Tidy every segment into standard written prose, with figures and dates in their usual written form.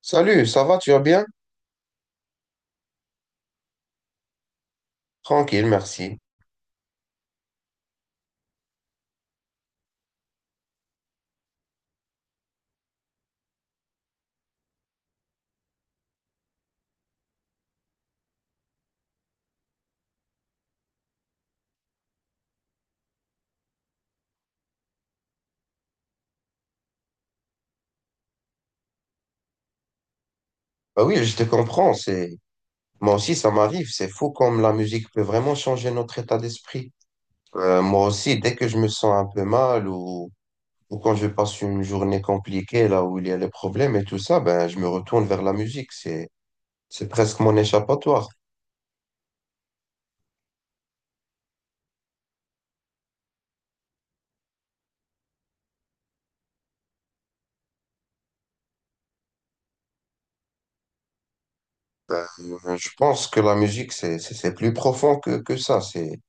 Salut, ça va, tu vas bien? Tranquille, merci. Bah oui, je te comprends, c'est moi aussi ça m'arrive, c'est fou comme la musique peut vraiment changer notre état d'esprit. Moi aussi, dès que je me sens un peu mal ou quand je passe une journée compliquée là où il y a les problèmes et tout ça, ben je me retourne vers la musique, c'est presque mon échappatoire. Ben, je pense que la musique c'est plus profond que ça, c'est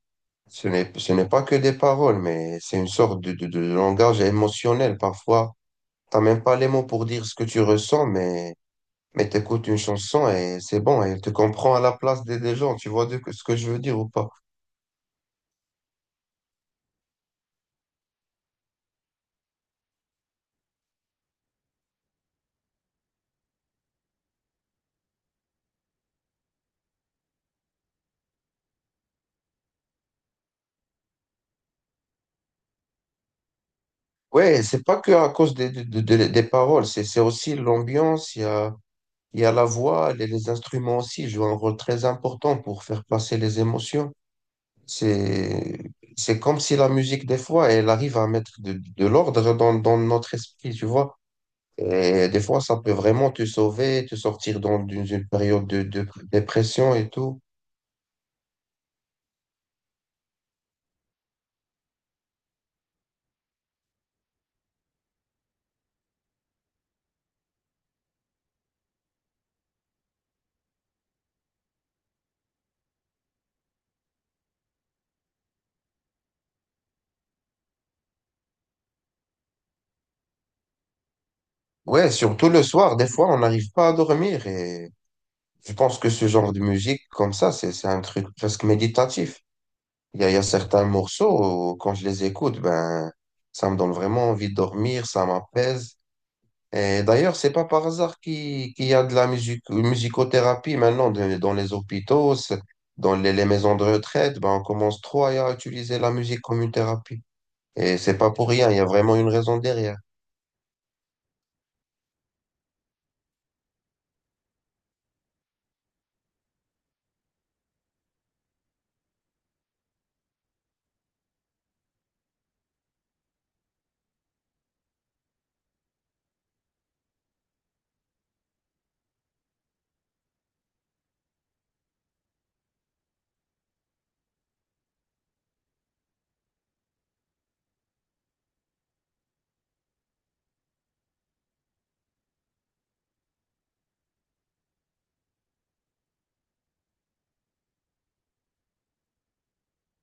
ce n'est pas que des paroles, mais c'est une sorte de langage émotionnel parfois. T'as même pas les mots pour dire ce que tu ressens, mais t'écoutes une chanson et c'est bon, et tu comprends à la place des gens, tu vois ce que je veux dire ou pas. Ouais, c'est pas que à cause des paroles, c'est aussi l'ambiance, il y a la voix, les instruments aussi jouent un rôle très important pour faire passer les émotions. C'est, c'est comme si la musique, des fois, elle arrive à mettre de l'ordre dans notre esprit, tu vois. Et des fois, ça peut vraiment te sauver, te sortir d'une une période de dépression et tout. Ouais, surtout le soir, des fois, on n'arrive pas à dormir. Et je pense que ce genre de musique comme ça, c'est un truc presque méditatif. Il y a certains morceaux, où, quand je les écoute, ben, ça me donne vraiment envie de dormir, ça m'apaise. Et d'ailleurs, c'est pas par hasard qu'il y a de la musique, musicothérapie maintenant dans les hôpitaux, dans les maisons de retraite. Ben, on commence trop à utiliser la musique comme une thérapie. Et c'est pas pour rien, il y a vraiment une raison derrière.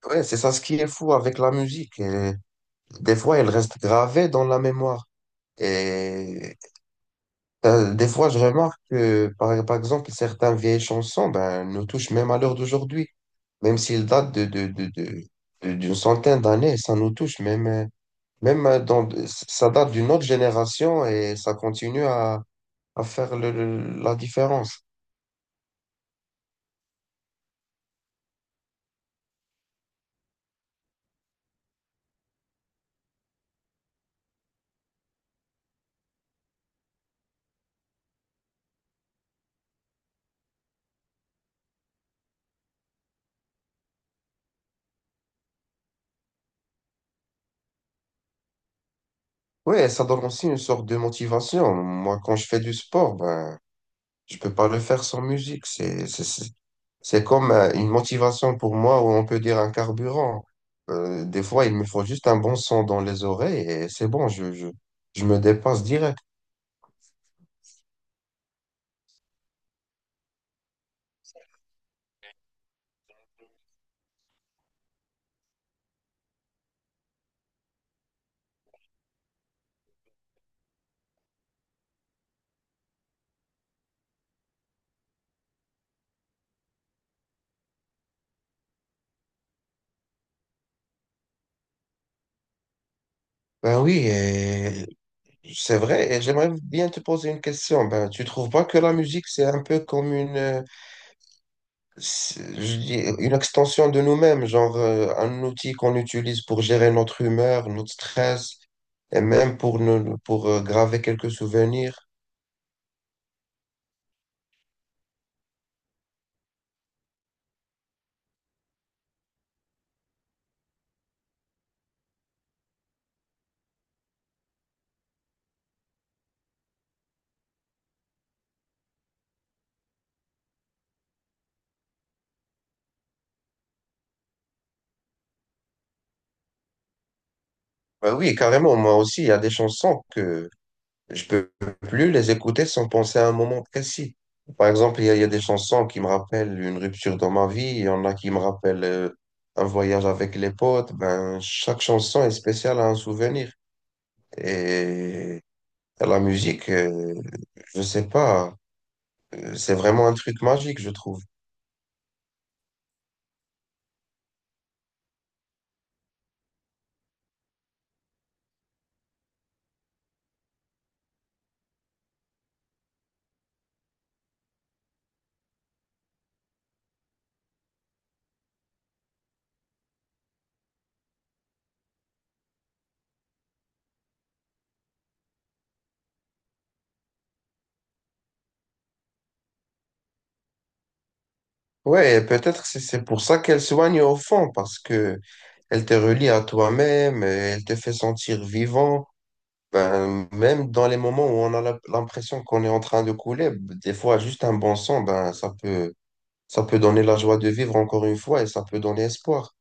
Ouais, c'est ça ce qui est fou avec la musique. Et des fois, elle reste gravée dans la mémoire. Et des fois, je remarque que, par exemple, certaines vieilles chansons ben, nous touchent même à l'heure d'aujourd'hui. Même s'ils datent d'une centaine d'années, ça nous touche. Ça date d'une autre génération et ça continue à faire la différence. Ouais, ça donne aussi une sorte de motivation. Moi, quand je fais du sport, ben, je peux pas le faire sans musique. C'est comme une motivation pour moi, ou on peut dire un carburant. Des fois, il me faut juste un bon son dans les oreilles et c'est bon, je me dépasse direct. Ben oui, et c'est vrai, et j'aimerais bien te poser une question. Ben, tu trouves pas que la musique, c'est un peu comme une, je dis, une extension de nous-mêmes, genre un outil qu'on utilise pour gérer notre humeur, notre stress, et même pour, nous, pour graver quelques souvenirs? Bah oui, carrément, moi aussi, il y a des chansons que je peux plus les écouter sans penser à un moment précis. Par exemple, il y a des chansons qui me rappellent une rupture dans ma vie, il y en a qui me rappellent un voyage avec les potes. Ben, chaque chanson est spéciale à un souvenir. Et la musique, je sais pas, c'est vraiment un truc magique, je trouve. Ouais, et peut-être c'est pour ça qu'elle soigne au fond, parce que elle te relie à toi-même, et elle te fait sentir vivant. Ben, même dans les moments où on a l'impression qu'on est en train de couler, des fois, juste un bon son, ça peut donner la joie de vivre encore une fois et ça peut donner espoir.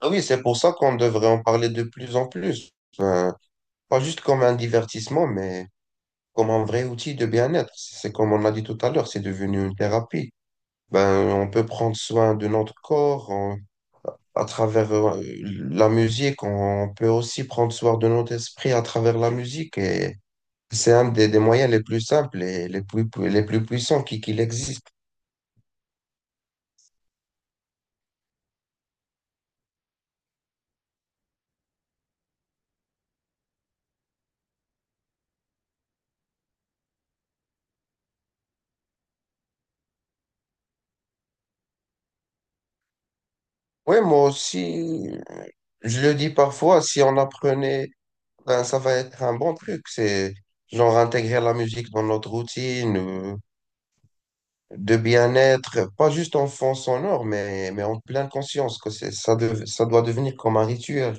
Ah oui, c'est pour ça qu'on devrait en parler de plus en plus. Ben, pas juste comme un divertissement, mais comme un vrai outil de bien-être. C'est comme on a dit tout à l'heure, c'est devenu une thérapie. Ben, on peut prendre soin de notre corps, à travers la musique, on peut aussi prendre soin de notre esprit à travers la musique. Et c'est un des moyens les plus simples et les plus, les plus puissants qu'il existe. Oui, moi aussi, je le dis parfois, si on apprenait, ben, ça va être un bon truc. C'est genre intégrer la musique dans notre routine de bien-être, pas juste en fond sonore, mais en pleine conscience que ça doit devenir comme un rituel.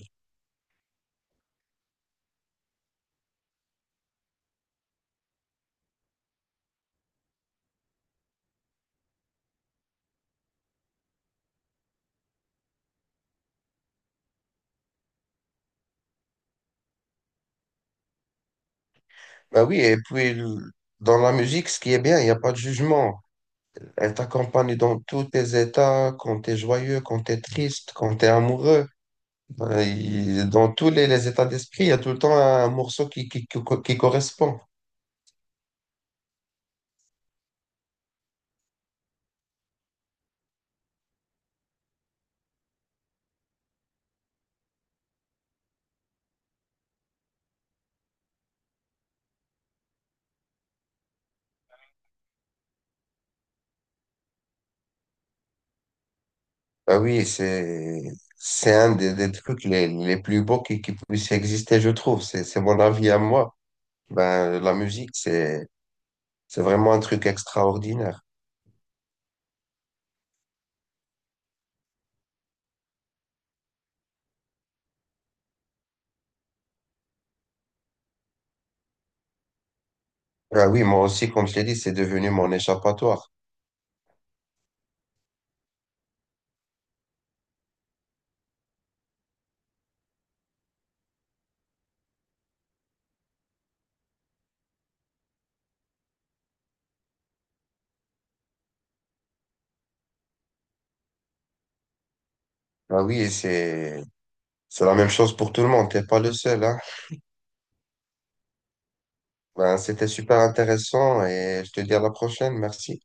Ben oui, et puis dans la musique, ce qui est bien, il n'y a pas de jugement. Elle t'accompagne dans tous tes états, quand t'es joyeux, quand t'es triste, quand t'es amoureux. Dans tous les états d'esprit, il y a tout le temps un morceau qui correspond. Ah oui, c'est un des trucs les plus beaux qui puissent exister, je trouve. C'est mon avis à moi. Ben, la musique, c'est vraiment un truc extraordinaire. Ah oui, moi aussi, comme je l'ai dit, c'est devenu mon échappatoire. Ah oui, c'est, C'est la même chose pour tout le monde, t'es pas le seul, hein. Ben, c'était super intéressant et je te dis à la prochaine, merci.